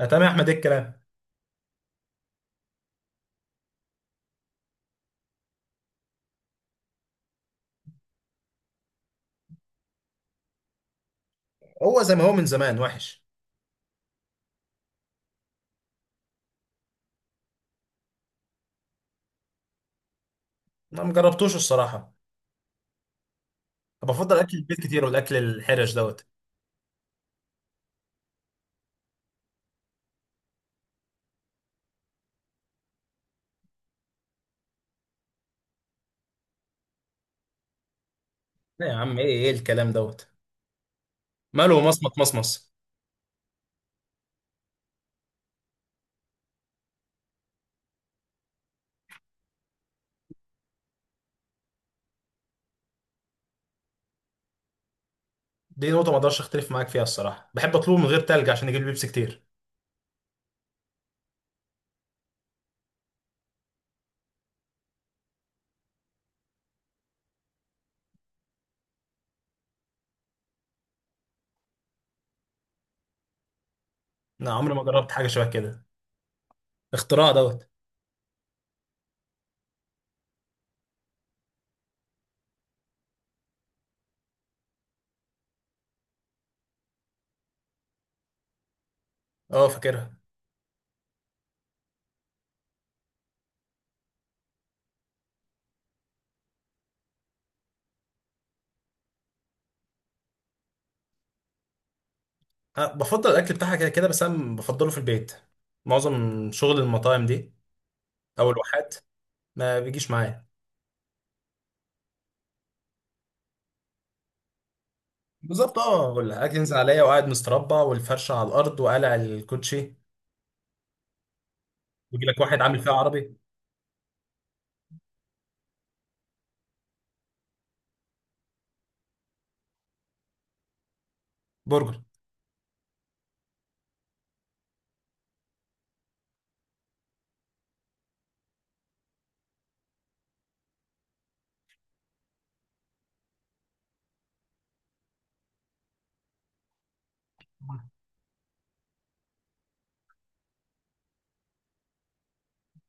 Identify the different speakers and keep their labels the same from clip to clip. Speaker 1: آه، تمام يا احمد، ايه الكلام؟ هو زي ما هو من زمان وحش. انا ما جربتوش الصراحه. بفضل اكل البيت كتير والاكل الحرش دوت. لا يا عم، ايه الكلام دوت؟ ماله مصمت مصمص. دي نقطه ما اقدرش اختلف معاك فيها الصراحه. بحب اطلبه من غير تلج عشان يجيب لي بيبسي كتير. انا عمري ما جربت حاجه شبه كده. اختراع دوت. اه، فاكرها. أه، بفضل الاكل بتاعها كده كده، بس انا بفضله في البيت. معظم شغل المطاعم دي او الواحات ما بيجيش معايا. بالظبط اه، ولا اجي ينزل عليا وقاعد مستربع والفرشه على الارض وقالع الكوتشي. يجي لك واحد عامل فيها عربي. برجر.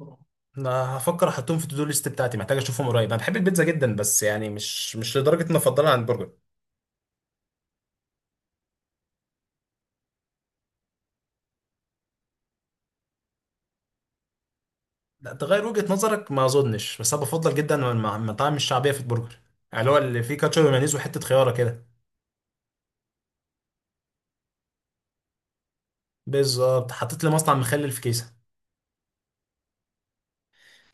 Speaker 1: آه. انا هفكر احطهم في التو ليست بتاعتي. محتاج اشوفهم قريب. انا بحب البيتزا جدا بس يعني مش لدرجه اني افضلها عن البرجر. لا، تغير وجهه نظرك ما اظنش. بس انا بفضل جدا المطاعم الشعبيه في البرجر. يعني اللي هو اللي فيه كاتشب ومايونيز وحته خياره كده. بالظبط. حطيت لي مصنع مخلل في كيسه.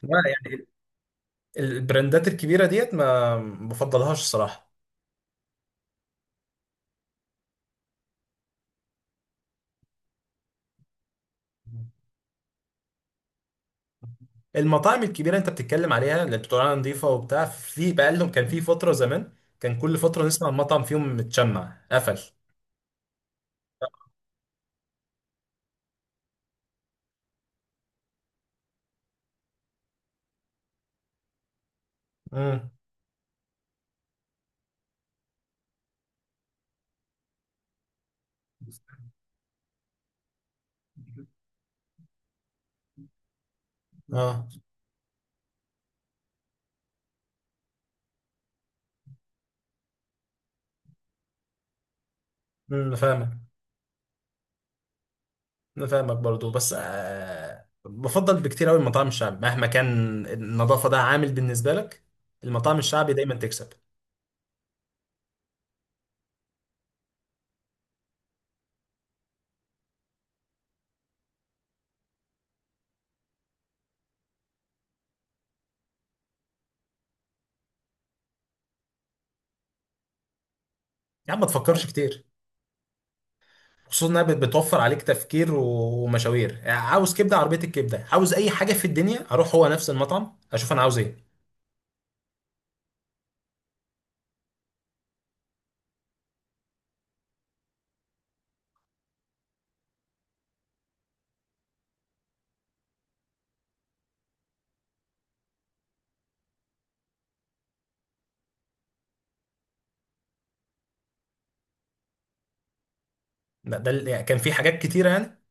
Speaker 1: لا، يعني البراندات الكبيره ديت ما بفضلهاش الصراحه. المطاعم الكبيره انت بتتكلم عليها، اللي بتقول عليها نظيفه وبتاع، في بقى لهم كان في فتره زمان كان كل فتره نسمع المطعم فيهم متشمع قفل. امم. اه. امم، انا فاهمك. انا فاهمك برضو، بس بفضل بكتير قوي المطاعم الشعبي مهما كان. النظافه ده عامل بالنسبه لك. المطاعم الشعبي دايما تكسب. يا عم، ما تفكرش كتير. خصوصا انها بتوفر عليك تفكير ومشاوير. يعني عاوز كبده عربيه، الكبده. عاوز اي حاجه في الدنيا، اروح هو نفس المطعم اشوف انا عاوز ايه. ده يعني كان في حاجات كتيره يعني.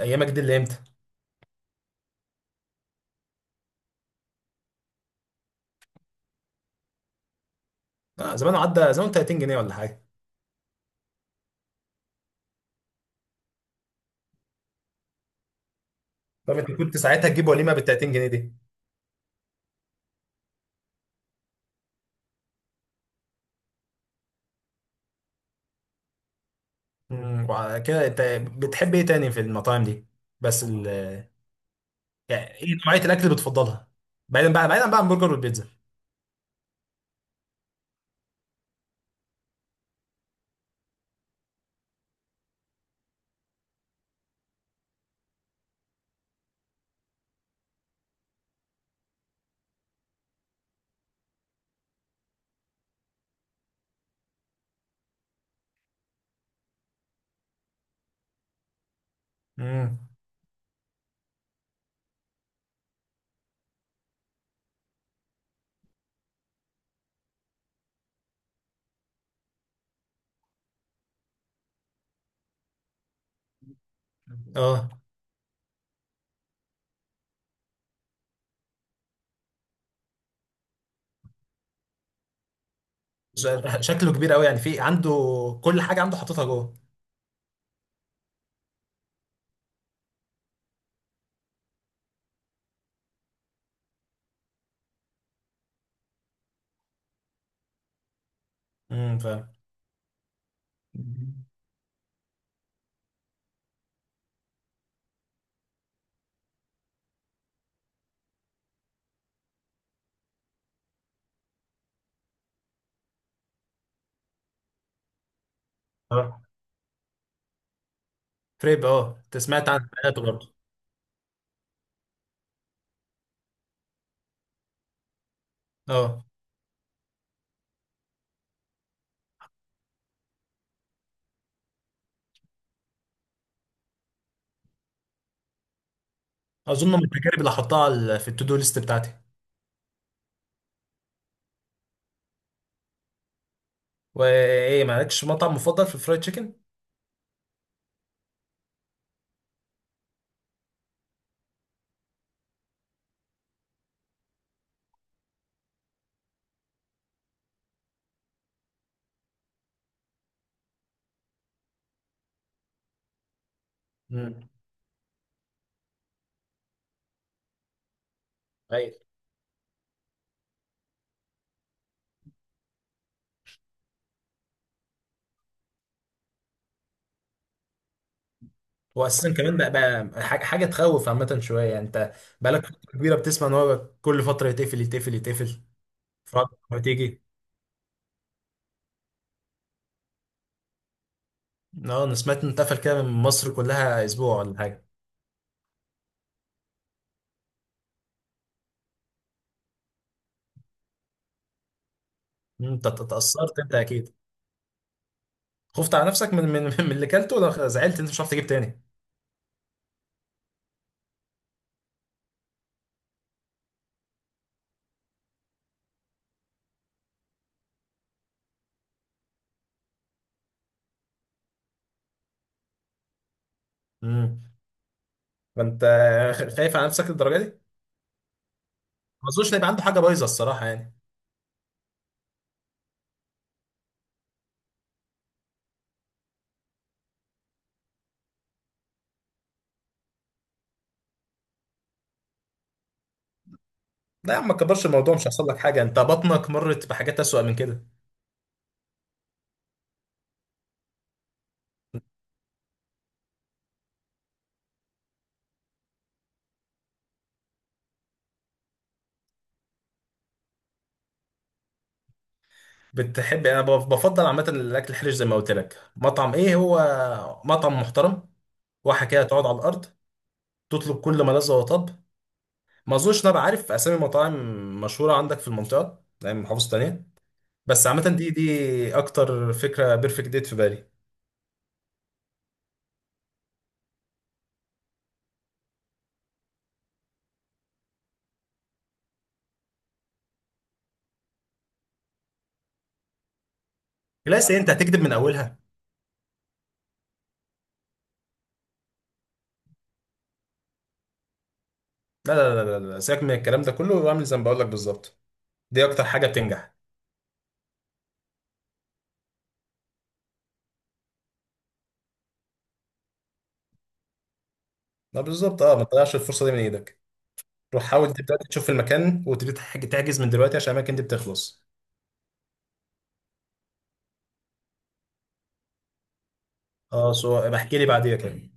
Speaker 1: ايامك دي اللي امتى؟ آه، زمان عدى زمان 30 جنيه ولا حاجه. طب انت كنت ساعتها تجيب وليمه بال 30 جنيه دي؟ وعلى كده انت بتحب ايه تاني في المطاعم دي؟ بس ال... يعني ايه نوعية الاكل اللي بتفضلها؟ بعيدا بقى بعيدا بقى عن البرجر والبيتزا. امم. اه. شكله كبير قوي يعني، في عنده كل حاجة عنده حاططها جوه. امم، فاهم. اه، فريب. اه، انت سمعت عن حياته برضه. اه. اظن من التجارب اللي هحطها في التو دو ليست بتاعتي. وايه؟ مالكش مطعم مفضل في الفرايد تشيكن؟ امم. هو اساسا كمان بقى، حاجه تخوف عامه شويه، يعني انت بقالك فتره كبيره بتسمع ان هو كل فتره يتقفل يتقفل يتقفل، فتره وتيجي. اه، انا سمعت ان اتقفل كده من مصر كلها اسبوع ولا حاجه. انت اتاثرت انت اكيد. خفت على نفسك من اللي كلته ولا زعلت انت مش هتعرف تجيب تاني؟ امم، فانت خايف على نفسك للدرجه دي؟ ما اظنش ان يبقى عنده حاجه بايظه الصراحه يعني. لا يا عم، ما تكبرش الموضوع. مش هيحصل لك حاجه. انت بطنك مرت بحاجات اسوأ من كده. بتحب يعني، انا بفضل عامه الاكل الحرش زي ما قلت لك. مطعم ايه هو؟ مطعم محترم، واحه كده، تقعد على الارض، تطلب كل ما لذ وطب. ما اظنش إن انا بعرف اسامي مطاعم مشهوره عندك في المنطقه يعني من محافظه تانيه، بس عامه دي اكتر فكره بيرفكت ديت في بالي. لا، أصل إيه، انت هتكذب من اولها. لا لا لا لا لا، سيبك من الكلام ده كله واعمل زي ما بقول لك بالظبط. دي اكتر حاجه بتنجح. لا، بالظبط اه، ما تضيعش الفرصه دي من ايدك. روح حاول دلوقتي تشوف المكان وتبتدي تحجز من دلوقتي، عشان الاماكن دي بتخلص. اه، سو بحكي لي بعديها كده.